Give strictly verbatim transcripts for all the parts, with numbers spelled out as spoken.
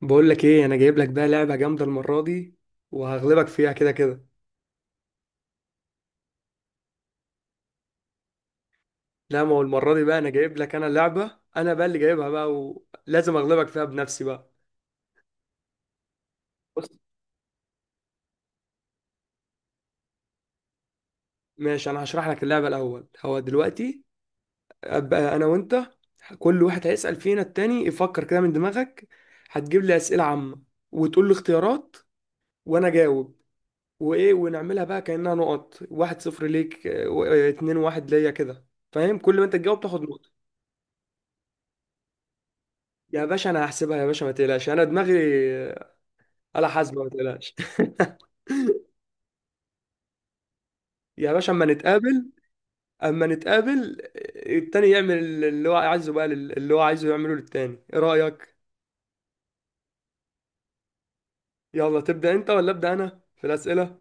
بقول لك ايه؟ انا جايب لك بقى لعبه جامده المره دي، وهغلبك فيها كده كده. لا، ما هو المره دي بقى انا جايب لك، انا لعبه انا بقى اللي جايبها بقى، ولازم اغلبك فيها بنفسي بقى. بص، ماشي انا هشرح لك اللعبه الاول. هو دلوقتي ابقى انا وانت كل واحد هيسال فينا التاني. يفكر كده من دماغك، هتجيب لي اسئله عامه، وتقول لي اختيارات، وانا اجاوب. وايه ونعملها بقى كانها نقط، واحد صفر ليك آه، و- آه، اتنين واحد ليا كده. فاهم؟ كل ما انت تجاوب تاخد نقطه. يا باشا انا هحسبها يا باشا، ما تقلقش، انا دماغي آلة حاسبة، ما تقلقش. يا باشا، اما نتقابل، اما نتقابل التاني يعمل اللي هو عايزه بقى لل- اللي هو عايزه يعمله للتاني، ايه رأيك؟ يلا تبدأ انت ولا ابدأ انا في الأسئلة؟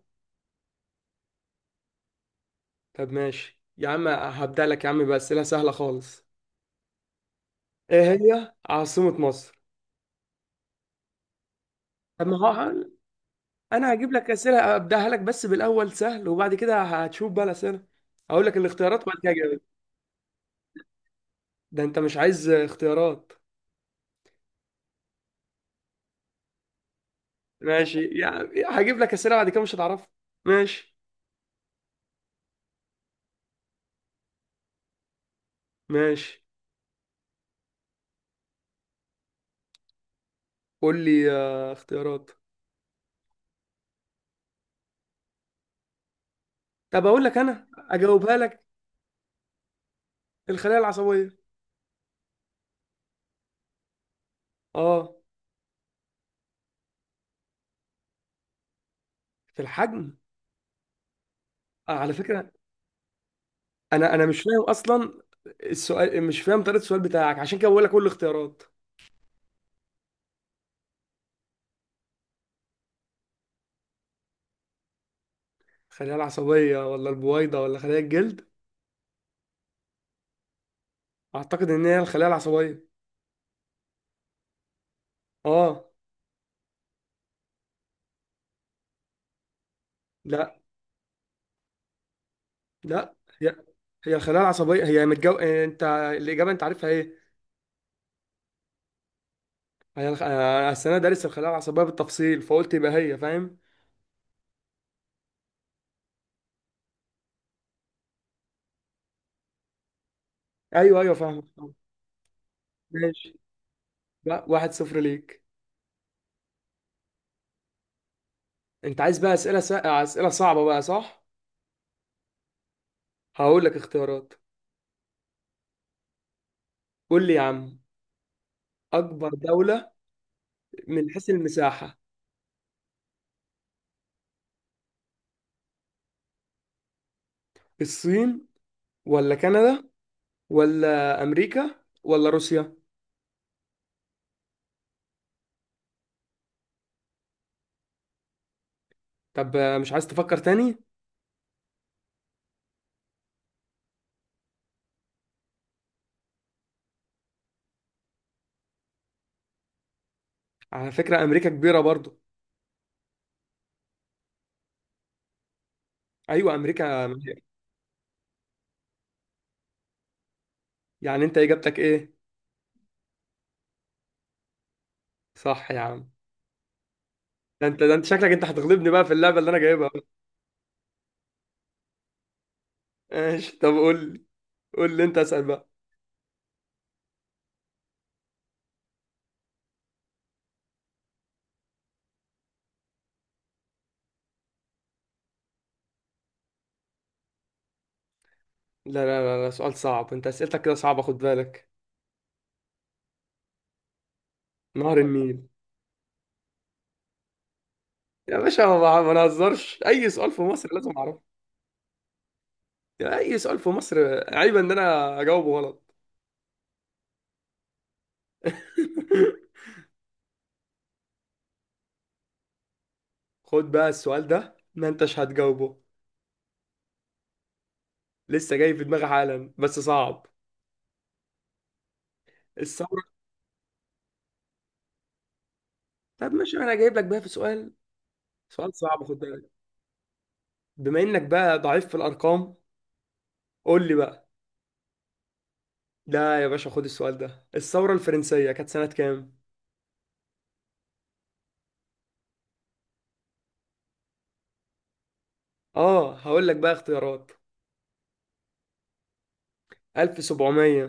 طب ماشي يا عم، هبدأ لك يا عم بأسئلة سهلة خالص. ايه هي عاصمة مصر؟ طب ما هو انا هجيب لك أسئلة ابدأها لك بس بالأول سهل، وبعد كده هتشوف بقى الأسئلة. هقول لك الاختيارات وبعد كده أجاوب. ده انت مش عايز اختيارات؟ ماشي، يعني هجيب لك اسئله بعد كده مش هتعرفها. ماشي، ماشي. قول لي آه، اختيارات. طب اقول لك انا اجاوبها لك. الخلايا العصبيه. اه. في الحجم. آه على فكره، انا انا مش فاهم اصلا السؤال، مش فاهم طريقه السؤال بتاعك، عشان كده بقول لك كل الاختيارات. الخلايا العصبيه ولا البويضه ولا خلايا الجلد؟ اعتقد ان هي الخلايا العصبيه. اه. لا. لا، هي، هي الخلايا العصبيه، هي متجو... آه، انت الاجابه انت عارفها ايه؟ انا الخ- أنا السنه دارس الخلايا العصبيه بالتفصيل فقلت يبقى هي، فاهم. ايوه ايوه فاهم. ماشي. لا، واحد صفر ليك. انت عايز بقى اسئله س... اسئله صعبه بقى، صح؟ هقول لك اختيارات. قول لي يا عم. اكبر دوله من حيث المساحه. الصين، ولا كندا، ولا امريكا، ولا روسيا. طب آه، مش عايز تفكر تاني؟ على فكره امريكا كبيره برضو. ايوه امريكا. يعني انت اجابتك ايه؟ صح يا عم. ده انت ده انت شكلك انت هتغلبني بقى في اللعبه اللي انا جايبها. ماشي، طب قول لي. قول لي انت، اسال بقى. لا لا لا, لا سؤال صعب. انت اسئلتك كده صعبه خد بالك. نهر النيل. يا باشا ما بع- ما نهزرش، اي سؤال في مصر لازم اعرفه. يعني اي سؤال في مصر عيب ان انا اجاوبه غلط. خد بقى السؤال ده ما انتش هتجاوبه. لسه جاي في دماغي حالا بس صعب. الثوره. طب ماشي، انا جايب لك بقى في سؤال. سؤال صعب خد بالك، بما انك بقى ضعيف في الارقام. قول لي بقى. لا يا باشا خد السؤال ده. الثوره الفرنسيه كانت سنه كام؟ اه، هقول لك بقى اختيارات.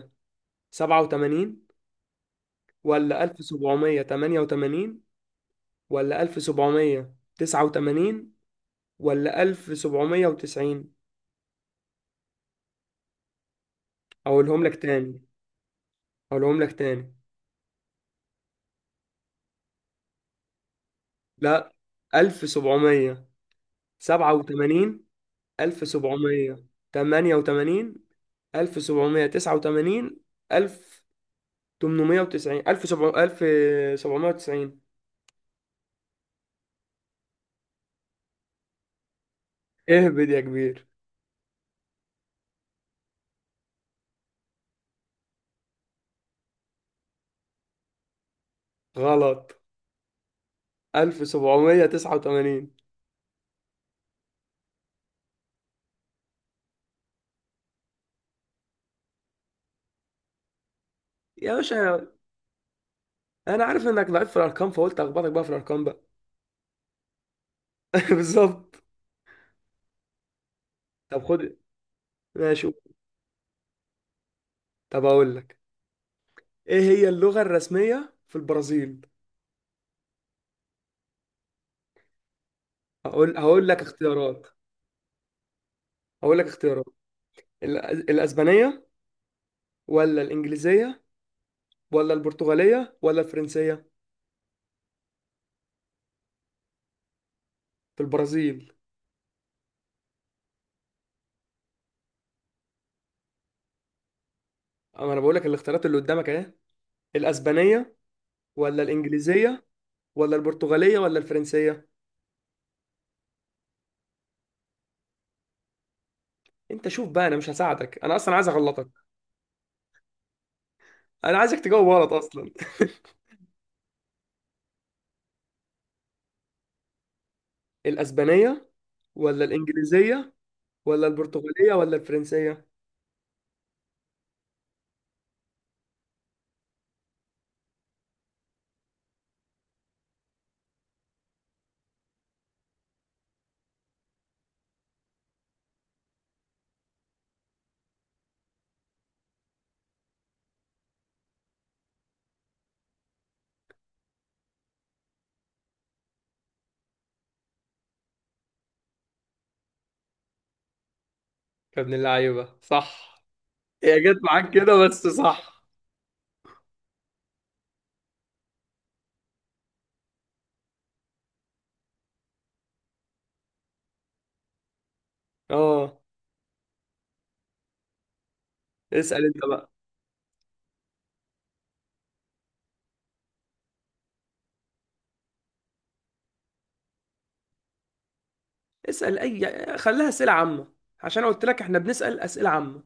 ألف وسبعمية وسبعة وثمانين، ولا ألف وسبعمية وتمنية وثمانين، ولا ألف وسبعمية وتسعة وثمانين، ولا ألف وسبعمية وتسعين. أقولهم لك تاني. أقولهم لك تاني لا. ألف وسبعمية وسبعة وثمانين، ألف وسبعمية وتمنية وثمانين، ألف وسبعمية وتسعة وثمانين، ألف وتمنمية وتسعين، ألف وسبعمية وتسعين. اهبد يا كبير. غلط. ألف وسبعمية وتسعة وثمانين. يا باشا انا عارف انك ضعيف في الارقام فقلت اخبطك بقى في الارقام بقى. بالظبط. طب خد. ماشي. طب اقول لك. ايه هي اللغة الرسمية في البرازيل؟ هقول هقول لك اختيارات. هقول لك اختيارات. ال- الاسبانية، ولا الانجليزية، ولا البرتغالية، ولا الفرنسية. في البرازيل. أما انا بقول لك الاختيارات اللي قدامك اهي. الاسبانية، ولا الانجليزية، ولا البرتغالية، ولا الفرنسية. انت شوف بقى، انا مش هساعدك، انا اصلا عايز اغلطك. انا عايزك تجاوب غلط اصلا. الاسبانية، ولا الانجليزية، ولا البرتغالية، ولا الفرنسية. يا ابن اللعيبة، صح. هي جت معاك كده بس، صح. اه، اسأل انت بقى. اسأل اي، خليها اسئلة عامة، عشان قلت لك احنا بنسأل اسئلة عامة.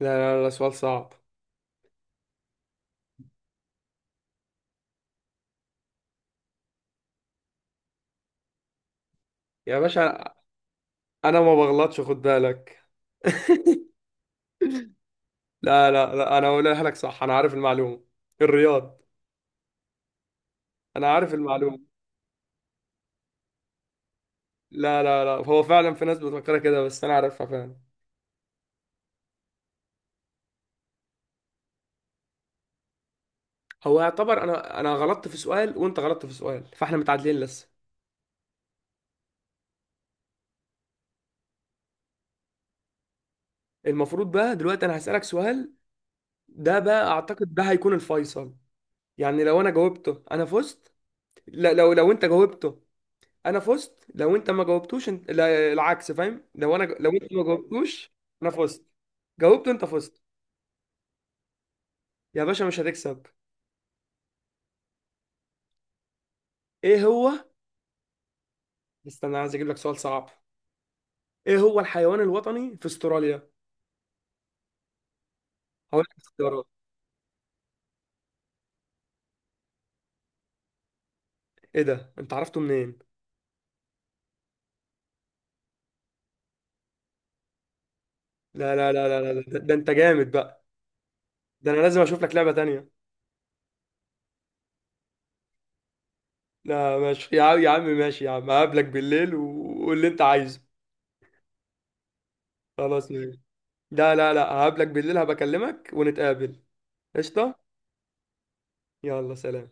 لا لا لا، سؤال صعب. يا باشا انا ما بغلطش خد بالك. لا لا لا، انا هقولها لك صح، انا عارف المعلومة. الرياض. انا عارف المعلومة. لا لا لا، هو فعلا في ناس بتفكرها كده بس انا عارفها فعلا. هو يعتبر انا انا غلطت في سؤال وانت غلطت في سؤال، فاحنا متعادلين لسه. المفروض بقى دلوقتي انا هسألك سؤال، ده بقى اعتقد ده هيكون الفيصل. يعني لو انا جاوبته انا فزت. لا، لو لو انت جاوبته انا فزت. لو انت ما جاوبتوش انت، لا العكس. فاهم؟ لو انا، لو انت ما جاوبتوش انا فزت. جاوبته انت فزت. يا باشا مش هتكسب. ايه هو. استنى، عايز اجيب لك سؤال صعب. ايه هو الحيوان الوطني في استراليا؟ هقول لك اختيارات. ايه ده؟ انت عرفته منين؟ لا لا لا لا لا، ده, ده انت جامد بقى. ده انا لازم اشوف لك لعبة تانية. لا ماشي يا عم، يا عم ماشي يا عم، هقابلك بالليل وقول اللي انت عايزه. خلاص ماشي. لا لا لا، هقابلك بالليل، هبكلمك ونتقابل. قشطة. يلا سلام.